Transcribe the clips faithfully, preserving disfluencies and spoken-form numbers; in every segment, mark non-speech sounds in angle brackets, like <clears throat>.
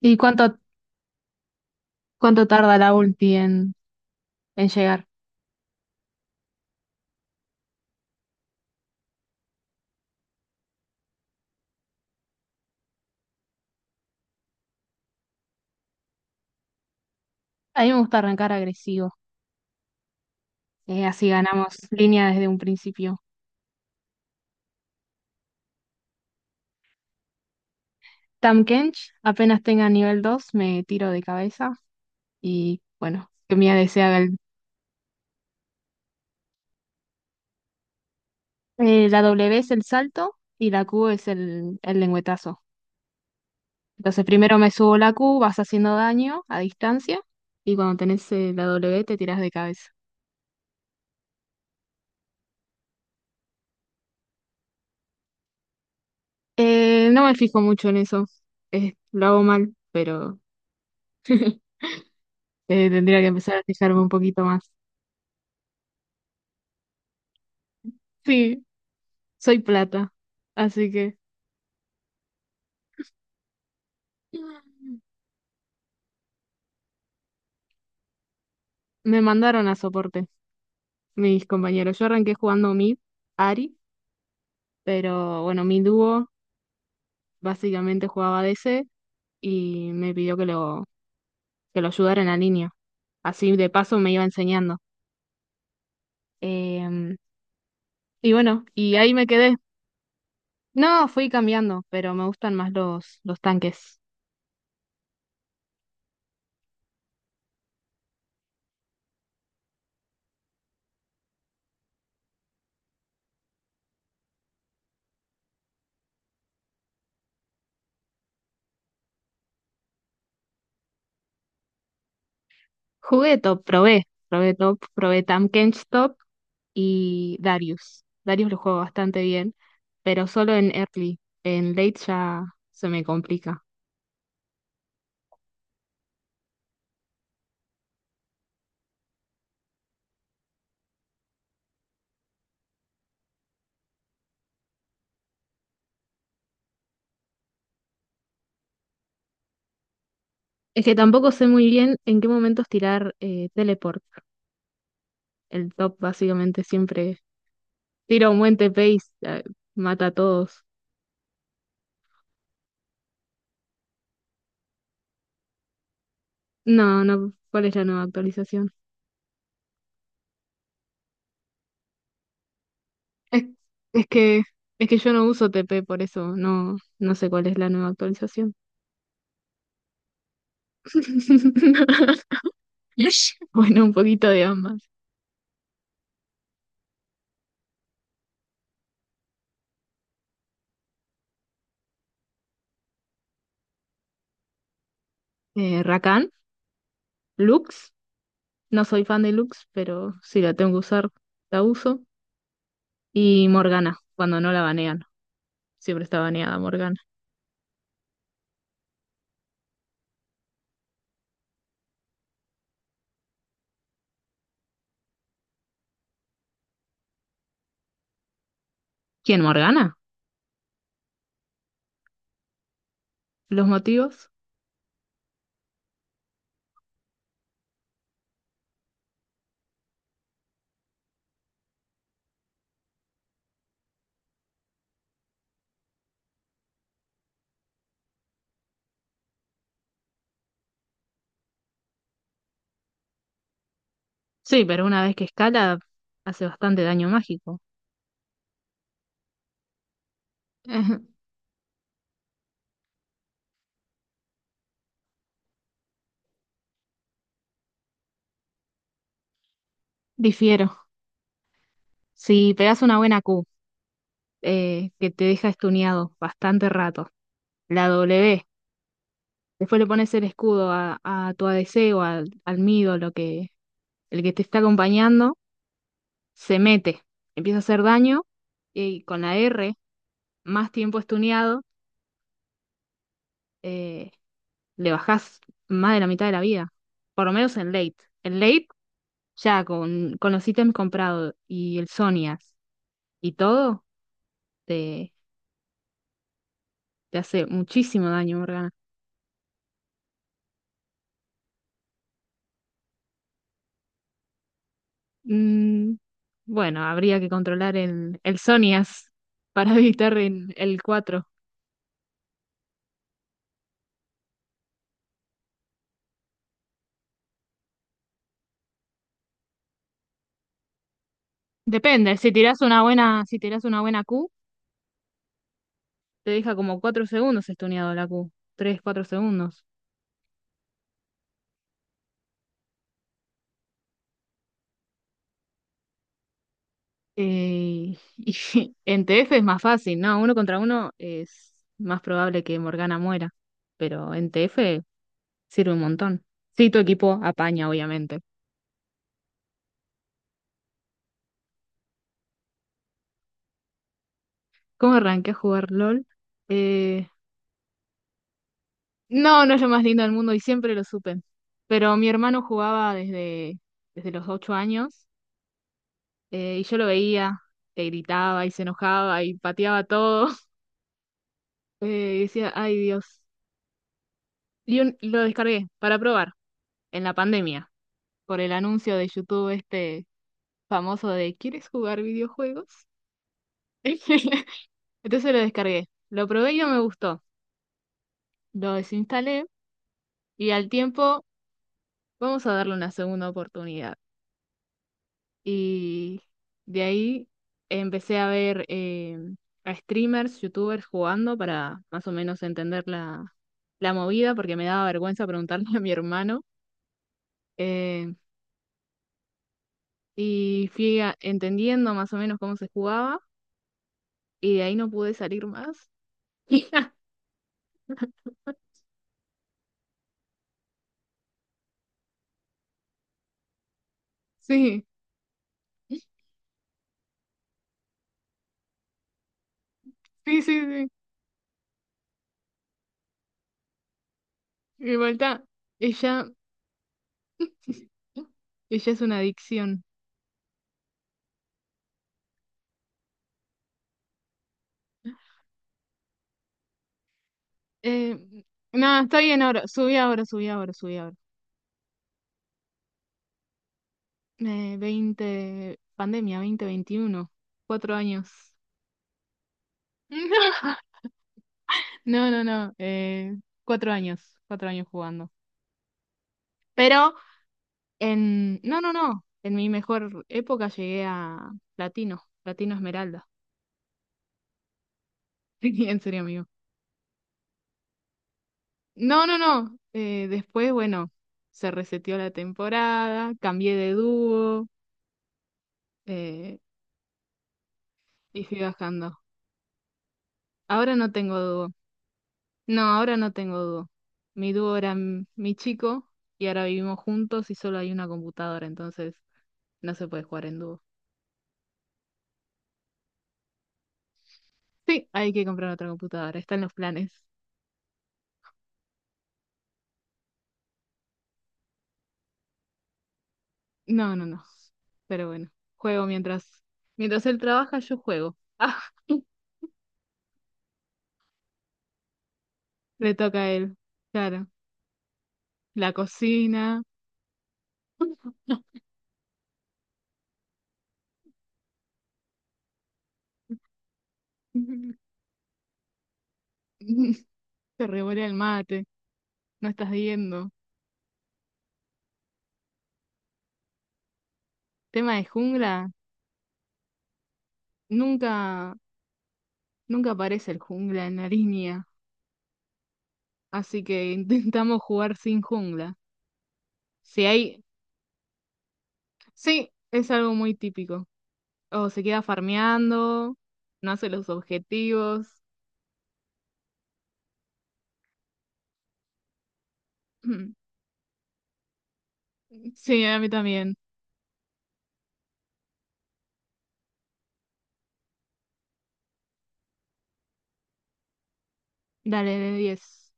¿Y cuánto, cuánto tarda la ulti en, en llegar? A mí me gusta arrancar agresivo, eh, así ganamos línea desde un principio. Tam Kench, apenas tenga nivel dos me tiro de cabeza y bueno, que Mía desea el... eh, La W es el salto y la Q es el, el lengüetazo. Entonces primero me subo la Q, vas haciendo daño a distancia y cuando tenés eh, la W te tiras de cabeza. Eh, no me fijo mucho en eso, eh, lo hago mal, pero... <laughs> Eh, tendría que empezar a fijarme un poquito más. Sí, soy plata. Así que me mandaron a soporte mis compañeros. Yo arranqué jugando mid, Ari, pero bueno, mi dúo básicamente jugaba D C y me pidió que lo, que lo ayudara en la línea. Así de paso me iba enseñando. Em, y bueno, y ahí me quedé. No, fui cambiando, pero me gustan más los, los tanques. Jugué top, probé, probé top, probé Tamkench top y Darius. Darius lo juego bastante bien, pero solo en early. En late ya se me complica. Es que tampoco sé muy bien en qué momentos tirar eh, teleport. El top básicamente siempre tira un buen T P y eh, mata a todos. No, no, ¿cuál es la nueva actualización? Es, es que, es que yo no uso T P, por eso no, no sé cuál es la nueva actualización. <laughs> <laughs> Bueno, un poquito de ambas. Eh, Rakan, Lux. No soy fan de Lux, pero si la tengo que usar, la uso. Y Morgana, cuando no la banean. Siempre está baneada Morgana. ¿Quién, Morgana? ¿Los motivos? Sí, pero una vez que escala, hace bastante daño mágico. Ajá. <laughs> Difiero. Si pegas una buena Q, eh, que te deja estuneado bastante rato. La W. Después le pones el escudo a, a tu A D C o al, al mid o lo que, el que te está acompañando se mete, empieza a hacer daño y con la R, más tiempo estuneado, eh, le bajás más de la mitad de la vida, por lo menos en late. En late, ya con, con los ítems comprados y el Sonias y todo, te, te hace muchísimo daño, Morgana. Mm, bueno, habría que controlar el, el Sonias para <laughs> evitar el, el cuatro. Depende, si tirás una buena, si tirás una buena Q, te deja como cuatro segundos estuneado la Q. Tres cuatro segundos. Eh, y <laughs> en T F es más fácil, ¿no? Uno contra uno es más probable que Morgana muera, pero en T F sirve un montón. Sí, tu equipo apaña, obviamente. ¿Cómo arranqué a jugar LOL? Eh, no, no es lo más lindo del mundo y siempre lo supe. Pero mi hermano jugaba desde, desde los ocho años eh, y yo lo veía, que gritaba y se enojaba y pateaba todo. <laughs> Eh, y decía, ay Dios. Y un- lo descargué para probar en la pandemia, por el anuncio de YouTube este famoso de ¿Quieres jugar videojuegos? <laughs> Entonces lo descargué, lo probé y no me gustó, lo desinstalé y al tiempo vamos a darle una segunda oportunidad. Y de ahí empecé a ver eh, a streamers, youtubers jugando para más o menos entender la, la movida porque me daba vergüenza preguntarle <laughs> a mi hermano. eh, y fui a- entendiendo más o menos cómo se jugaba y de ahí no pude salir más. <laughs> Sí, sí, sí, sí. Y vuelta, ella, ella es una adicción. Eh, Nada, está bien ahora. Subí ahora, subí ahora, subí ahora. Eh, veinte, pandemia, veinte, veintiuno. Cuatro años. <laughs> No, no, no. Eh, cuatro años, cuatro años jugando. Pero en... No, no, no. En mi mejor época llegué a platino, platino esmeralda. <laughs> En serio, amigo. No, no, no. Eh, después, bueno, se reseteó la temporada, cambié de dúo eh, y fui bajando. Ahora no tengo dúo. No, ahora no tengo dúo. Mi dúo era m- mi chico y ahora vivimos juntos y solo hay una computadora, entonces no se puede jugar en dúo. Sí, hay que comprar otra computadora, está en los planes. No, no, no. Pero bueno, juego mientras, mientras él trabaja, yo juego. <laughs> Ah, le toca a él. Claro. La cocina. <laughs> <laughs> Te revolea el mate, no estás viendo. Tema de jungla, nunca, nunca aparece el jungla en la línea, así que <laughs> intentamos jugar sin jungla. Si hay, sí, es algo muy típico. O se queda farmeando, no hace los objetivos. <clears throat> Sí, a mí también. Dale, de diez.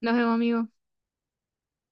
Nos vemos, amigo.